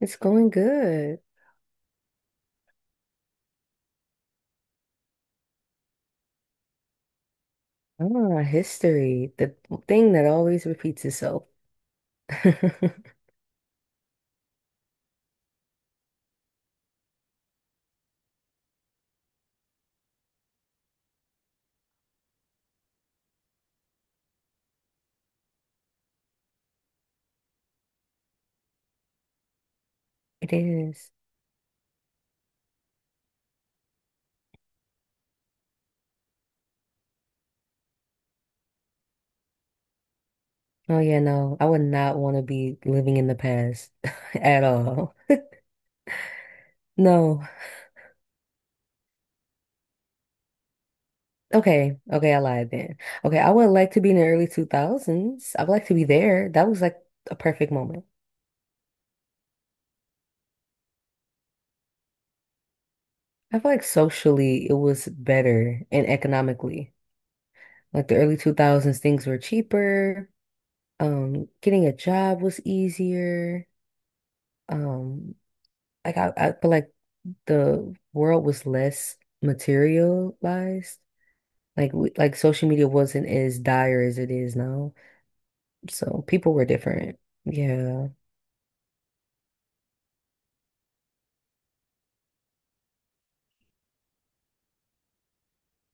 It's going good. Ah, history, the thing that always repeats itself. It is. Oh yeah, no, I would not want to be living in the past at all. No. Okay, okay, I lied then. Okay, I would like to be in the early 2000s. I would like to be there. That was like a perfect moment. I feel like socially it was better and economically. Like the early 2000s, things were cheaper. Getting a job was easier. Um, Like I feel like the world was less materialized. Like social media wasn't as dire as it is now. So people were different. Yeah.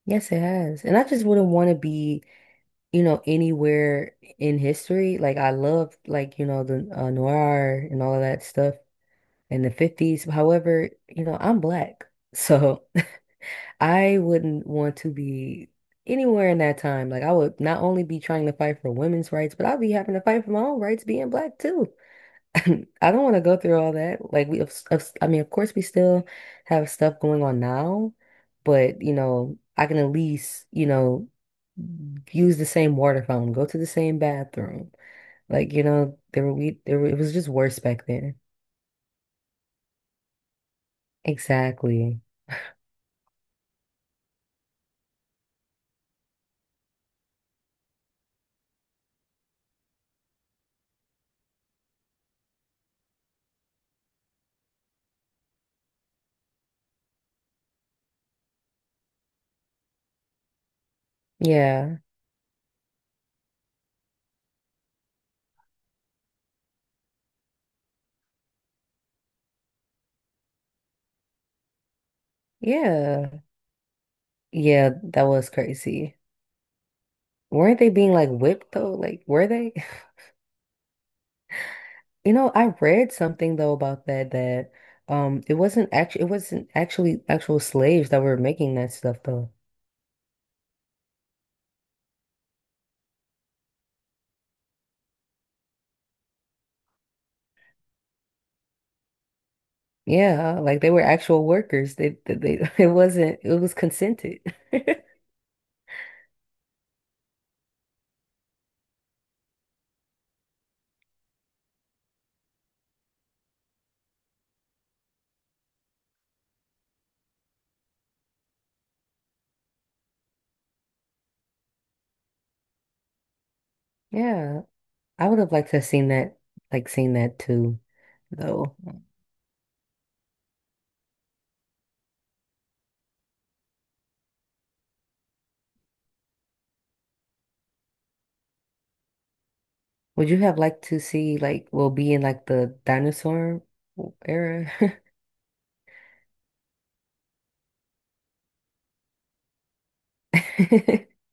Yes, it has. And I just wouldn't want to be, you know, anywhere in history. Like I love, like, you know, the noir and all of that stuff in the 50s. However, you know, I'm black. So I wouldn't want to be anywhere in that time. Like I would not only be trying to fight for women's rights, but I'd be having to fight for my own rights being black too. I don't want to go through all that. Like we, of s- I mean, of course we still have stuff going on now, but you know, I can at least, you know, use the same water fountain, go to the same bathroom. Like, you know, there were we there were, it was just worse back then. Exactly. Yeah. Yeah. Yeah, that was crazy. Weren't they being like whipped though? Like, were they? You know, I read something though about that it wasn't actually actual slaves that were making that stuff though. Yeah, like they were actual workers. They it wasn't, it was consented. Yeah, I would have liked to have seen that, like seen that too though. Would you have liked to see like, well, be in like the dinosaur era?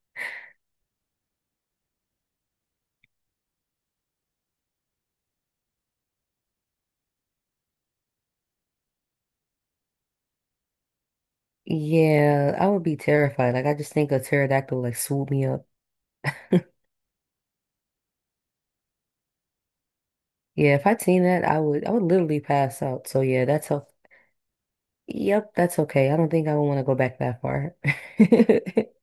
Yeah, I would be terrified. Like I just think a pterodactyl like swoop me up. Yeah, if I'd seen that, I would literally pass out. So yeah, that's okay. Yep, that's okay. I don't think I would want to go back that far.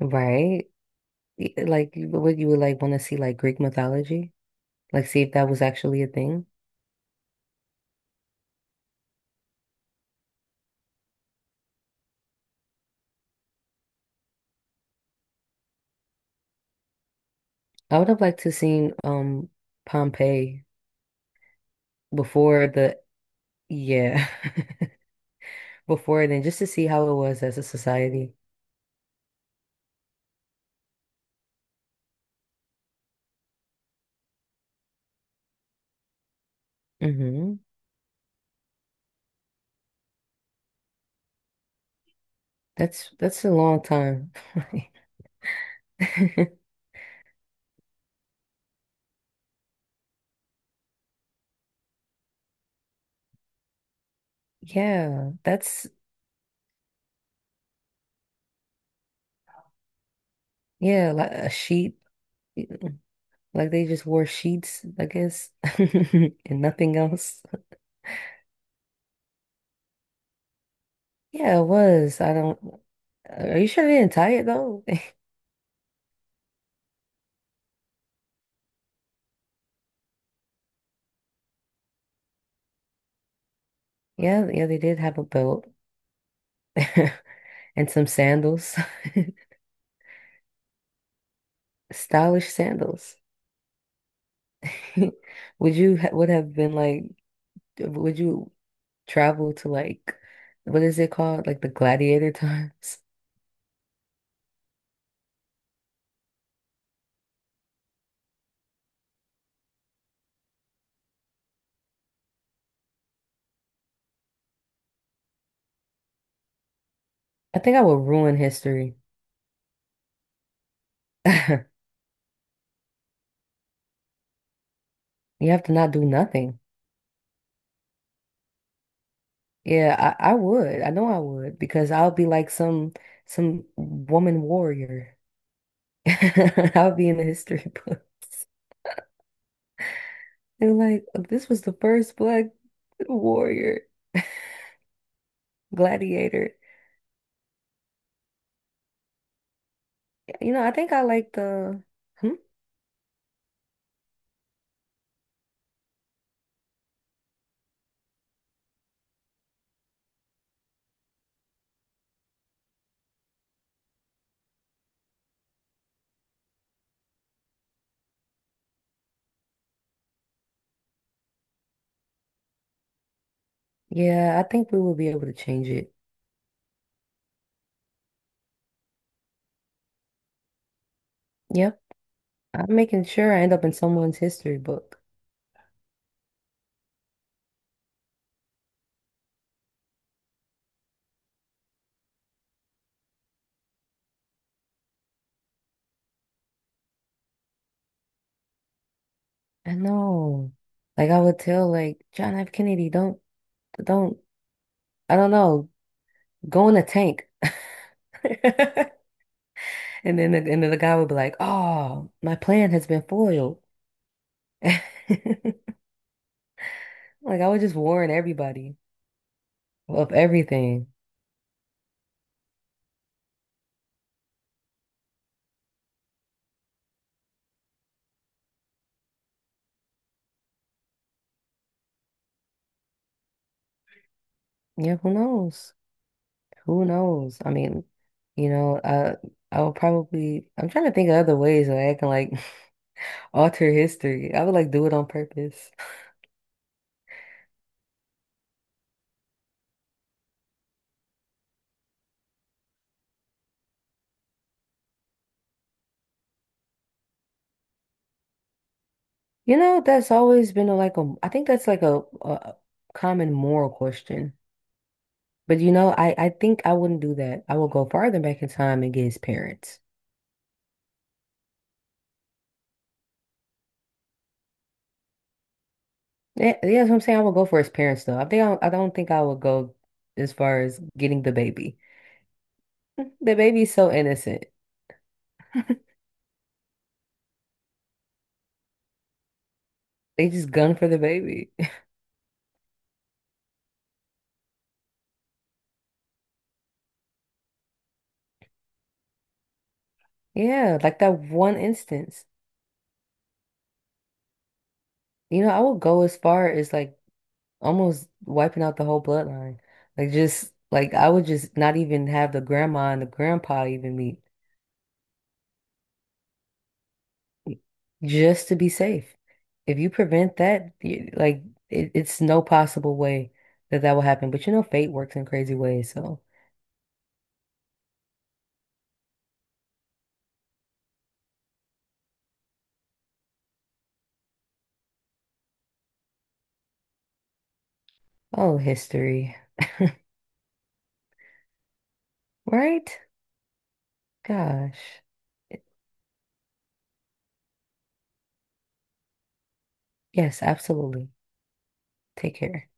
Right? Like what you would like want to see, like Greek mythology? Like see if that was actually a thing. I would have liked to seen, um, Pompeii before the, yeah, before then, just to see how it was as a society. Hmm. That's a long time. Yeah, that's yeah, like a sheep. Like they just wore sheets, I guess, and nothing else. Yeah, it was. I don't. Are you sure they didn't tie it though? Yeah, yeah, they did have a belt and some sandals, stylish sandals. Would you ha Would have been like, would you travel to like, what is it called? Like the gladiator times? I think I would ruin history. You have to not do nothing. Yeah, I would. I know I would because I'll be like some woman warrior. I'll be in the history books. They're like, "Oh, this was the first black warrior, gladiator." You know, I think I like the, hmm? Yeah, I think we will be able to change it. Yep. I'm making sure I end up in someone's history book. I know. Like I would tell like John F. Kennedy, don't, I don't know, go in a tank. And then the guy would be like, "Oh, my plan has been foiled." Like I would just warn everybody of everything. Yeah, who knows? Who knows? I mean, you know, I would probably. I'm trying to think of other ways that I can like alter history. I would like do it on purpose. You know, that's always been a, like a. I think that's like a common moral question. But you know, I think I wouldn't do that. I would go farther back in time and get his parents. Yeah, yeah, that's what I'm saying. I would go for his parents though. I think I don't think I would go as far as getting the baby. The baby's so innocent. They just gun for the baby. Yeah, like that one instance. You know, I would go as far as like almost wiping out the whole bloodline. Like just like I would just not even have the grandma and the grandpa even meet, just to be safe. If you prevent that, you, like it's no possible way that that will happen. But you know, fate works in crazy ways, so. Oh, history, right? Gosh. Yes, absolutely. Take care.